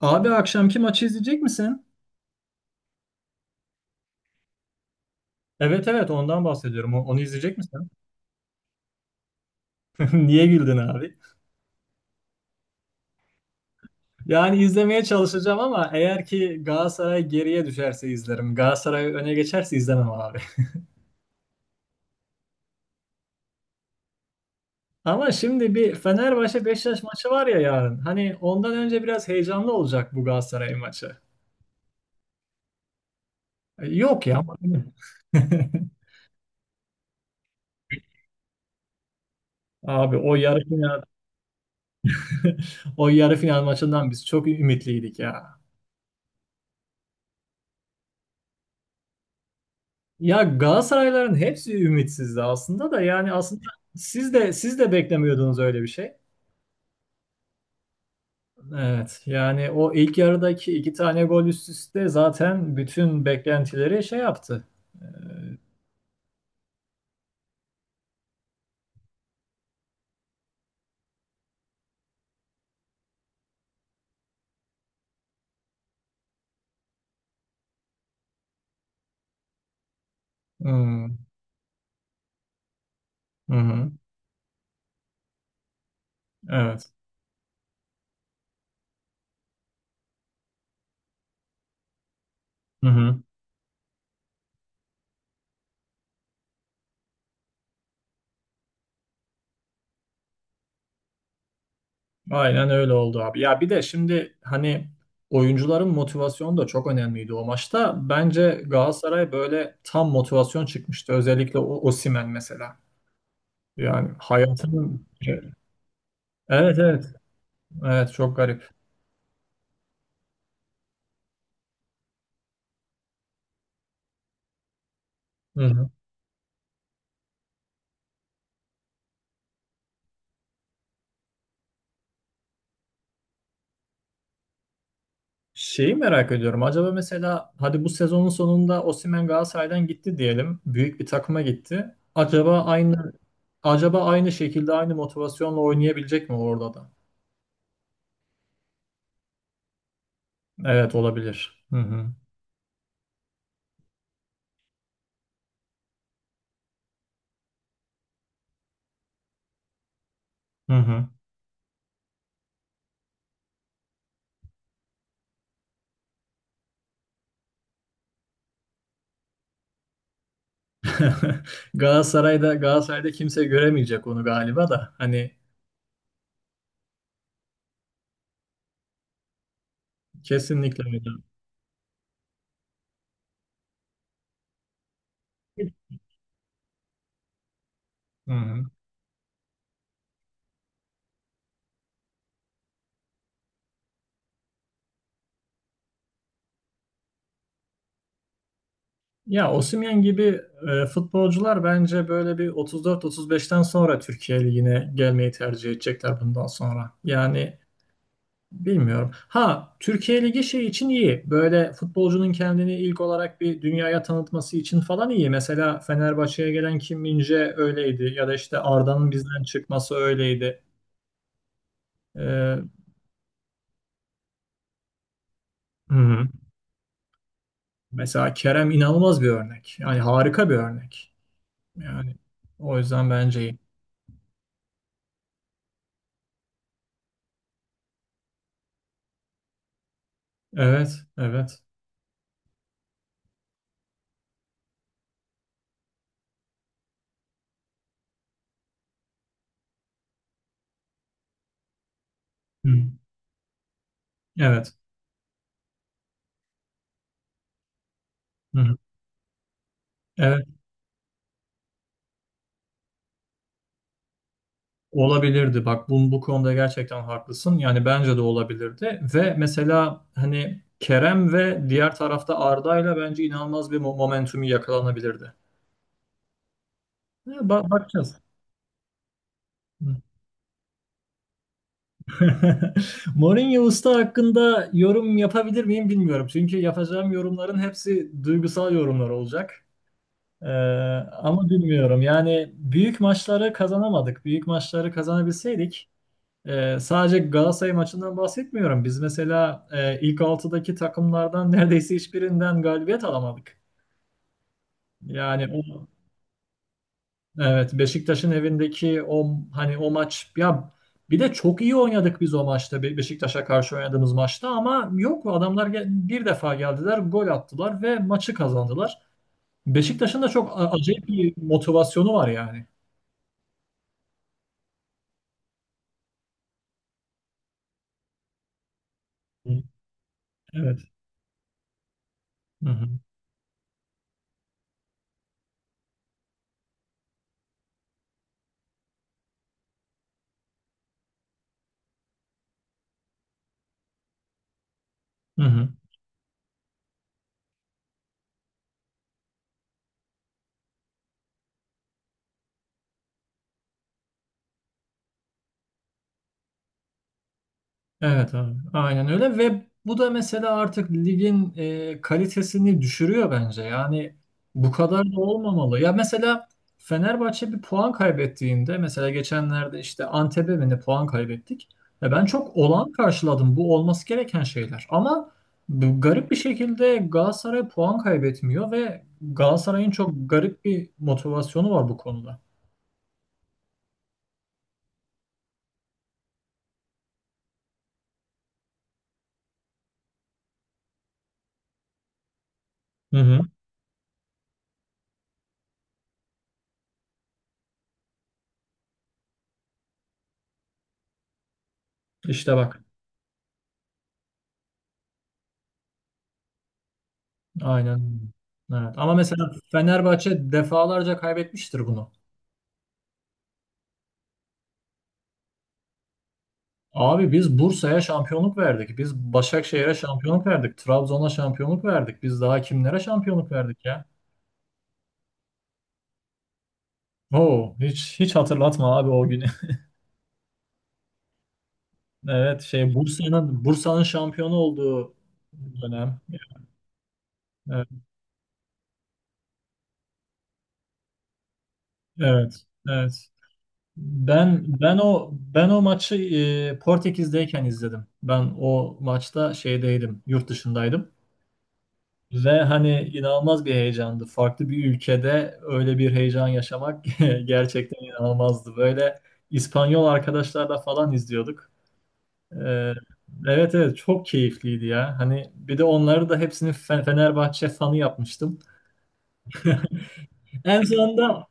Abi akşamki maçı izleyecek misin? Evet, evet, ondan bahsediyorum. Onu izleyecek misin? Niye güldün abi? Yani izlemeye çalışacağım ama eğer ki Galatasaray geriye düşerse izlerim. Galatasaray öne geçerse izlemem abi. Ama şimdi bir Fenerbahçe Beşiktaş maçı var ya yarın. Hani ondan önce biraz heyecanlı olacak bu Galatasaray maçı. Yok ya. Abi o yarı final. O yarı final maçından biz çok ümitliydik ya. Ya Galatasarayların hepsi ümitsizdi aslında da, yani aslında siz de beklemiyordunuz öyle bir şey. Evet, yani o ilk yarıdaki iki tane gol üst üste zaten bütün beklentileri şey yaptı. Hmm. Hı hı. Evet. Hı hı. Aynen öyle oldu abi. Ya bir de şimdi hani oyuncuların motivasyonu da çok önemliydi o maçta. Bence Galatasaray böyle tam motivasyon çıkmıştı. Özellikle o Osimhen mesela. Yani hayatının. Evet, evet. Evet, çok garip. Hı hı. Şeyi merak ediyorum. Acaba mesela hadi bu sezonun sonunda Osimhen Galatasaray'dan gitti diyelim. Büyük bir takıma gitti. Acaba aynı, acaba aynı şekilde aynı motivasyonla oynayabilecek mi orada da? Evet, olabilir. Hı hı. Hı hı. Galatasaray'da kimse göremeyecek onu galiba da. Hani kesinlikle öyle. Hı hı. Ya Osimhen gibi futbolcular bence böyle bir 34-35'ten sonra Türkiye Ligi'ne gelmeyi tercih edecekler bundan sonra. Yani bilmiyorum. Ha, Türkiye Ligi şey için iyi. Böyle futbolcunun kendini ilk olarak bir dünyaya tanıtması için falan iyi. Mesela Fenerbahçe'ye gelen Kim Min-jae öyleydi. Ya da işte Arda'nın bizden çıkması öyleydi. Hı hı. Mesela Kerem inanılmaz bir örnek. Yani harika bir örnek. Yani o yüzden bence iyi. Evet, evet. Hı. Evet. Hı hı. Evet. Olabilirdi. Bak bu, bu konuda gerçekten haklısın. Yani bence de olabilirdi. Ve mesela hani Kerem ve diğer tarafta Arda'yla bence inanılmaz bir momentumu yakalanabilirdi. Ya, bakacağız. Mourinho Usta hakkında yorum yapabilir miyim bilmiyorum. Çünkü yapacağım yorumların hepsi duygusal yorumlar olacak. Ee, ama bilmiyorum. Yani büyük maçları kazanamadık. Büyük maçları kazanabilseydik. Sadece Galatasaray maçından bahsetmiyorum. Biz mesela ilk altıdaki takımlardan neredeyse hiçbirinden galibiyet alamadık. Yani o, evet, Beşiktaş'ın evindeki o, hani o maç ya, bir de çok iyi oynadık biz o maçta Beşiktaş'a karşı oynadığımız maçta ama yok, adamlar bir defa geldiler, gol attılar ve maçı kazandılar. Beşiktaş'ın da çok acayip bir motivasyonu var yani. Hı. Evet. Hı hı. Hı hı. Evet abi, aynen öyle ve bu da mesela artık ligin kalitesini düşürüyor bence. Yani bu kadar da olmamalı. Ya mesela Fenerbahçe bir puan kaybettiğinde, mesela geçenlerde işte Antep'e mi ne puan kaybettik. Ya ben çok olağan karşıladım. Bu olması gereken şeyler. Ama bu garip bir şekilde Galatasaray puan kaybetmiyor ve Galatasaray'ın çok garip bir motivasyonu var bu konuda. Hı hı. İşte bak. Aynen. Evet. Ama mesela Fenerbahçe defalarca kaybetmiştir bunu. Abi biz Bursa'ya şampiyonluk verdik. Biz Başakşehir'e şampiyonluk verdik. Trabzon'a şampiyonluk verdik. Biz daha kimlere şampiyonluk verdik ya? Oo, hiç hiç hatırlatma abi o günü. Evet, şey Bursa'nın şampiyonu olduğu dönem. Evet. Evet, evet. Ben o maçı Portekiz'deyken izledim. Ben o maçta şeydeydim, yurt dışındaydım. Ve hani inanılmaz bir heyecandı. Farklı bir ülkede öyle bir heyecan yaşamak gerçekten inanılmazdı. Böyle İspanyol arkadaşlarla falan izliyorduk. Ee, evet, evet, çok keyifliydi ya. Hani bir de onları da hepsini Fenerbahçe fanı yapmıştım. En sonunda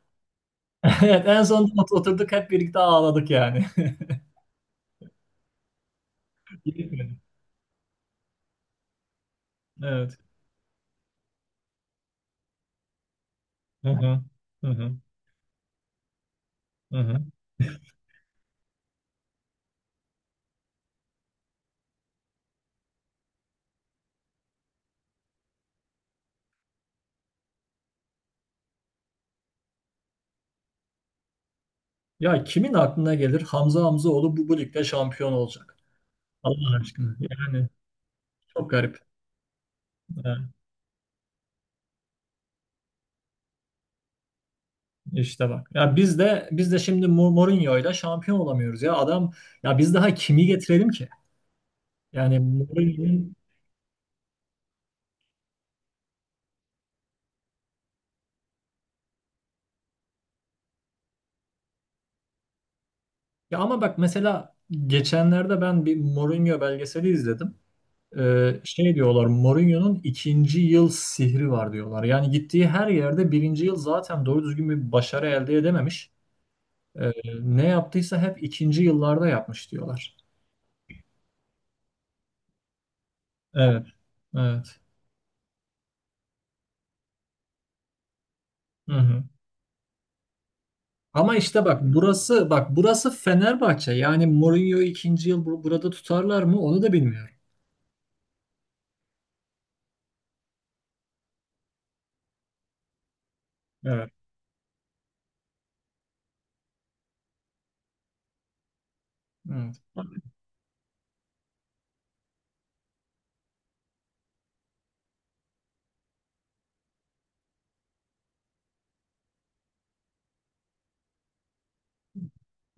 evet, en sonunda oturduk hep birlikte ağladık yani. Keyifliydi. Evet. Hı hı. Hı hı. Hı hı. Ya kimin aklına gelir Hamza Hamzaoğlu bu, bu ligde şampiyon olacak? Allah aşkına. Yani çok garip. Ee, İşte bak. Ya biz de şimdi Mourinho'yla şampiyon olamıyoruz ya. Adam, ya biz daha kimi getirelim ki? Yani Mourinho'nun, ya ama bak mesela geçenlerde ben bir Mourinho belgeseli izledim. Şey diyorlar, Mourinho'nun ikinci yıl sihri var diyorlar. Yani gittiği her yerde birinci yıl zaten doğru düzgün bir başarı elde edememiş. Ee, ne yaptıysa hep ikinci yıllarda yapmış diyorlar. Evet. Evet. Hı hı. Ama işte bak, burası bak burası Fenerbahçe. Yani Mourinho ikinci yıl burada tutarlar mı onu da bilmiyorum. Evet. Evet.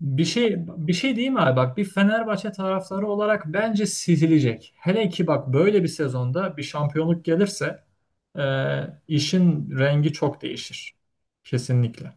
Bir şey diyeyim abi, bak, bir Fenerbahçe taraftarı olarak bence sizilecek. Hele ki bak böyle bir sezonda bir şampiyonluk gelirse e, işin rengi çok değişir. Kesinlikle.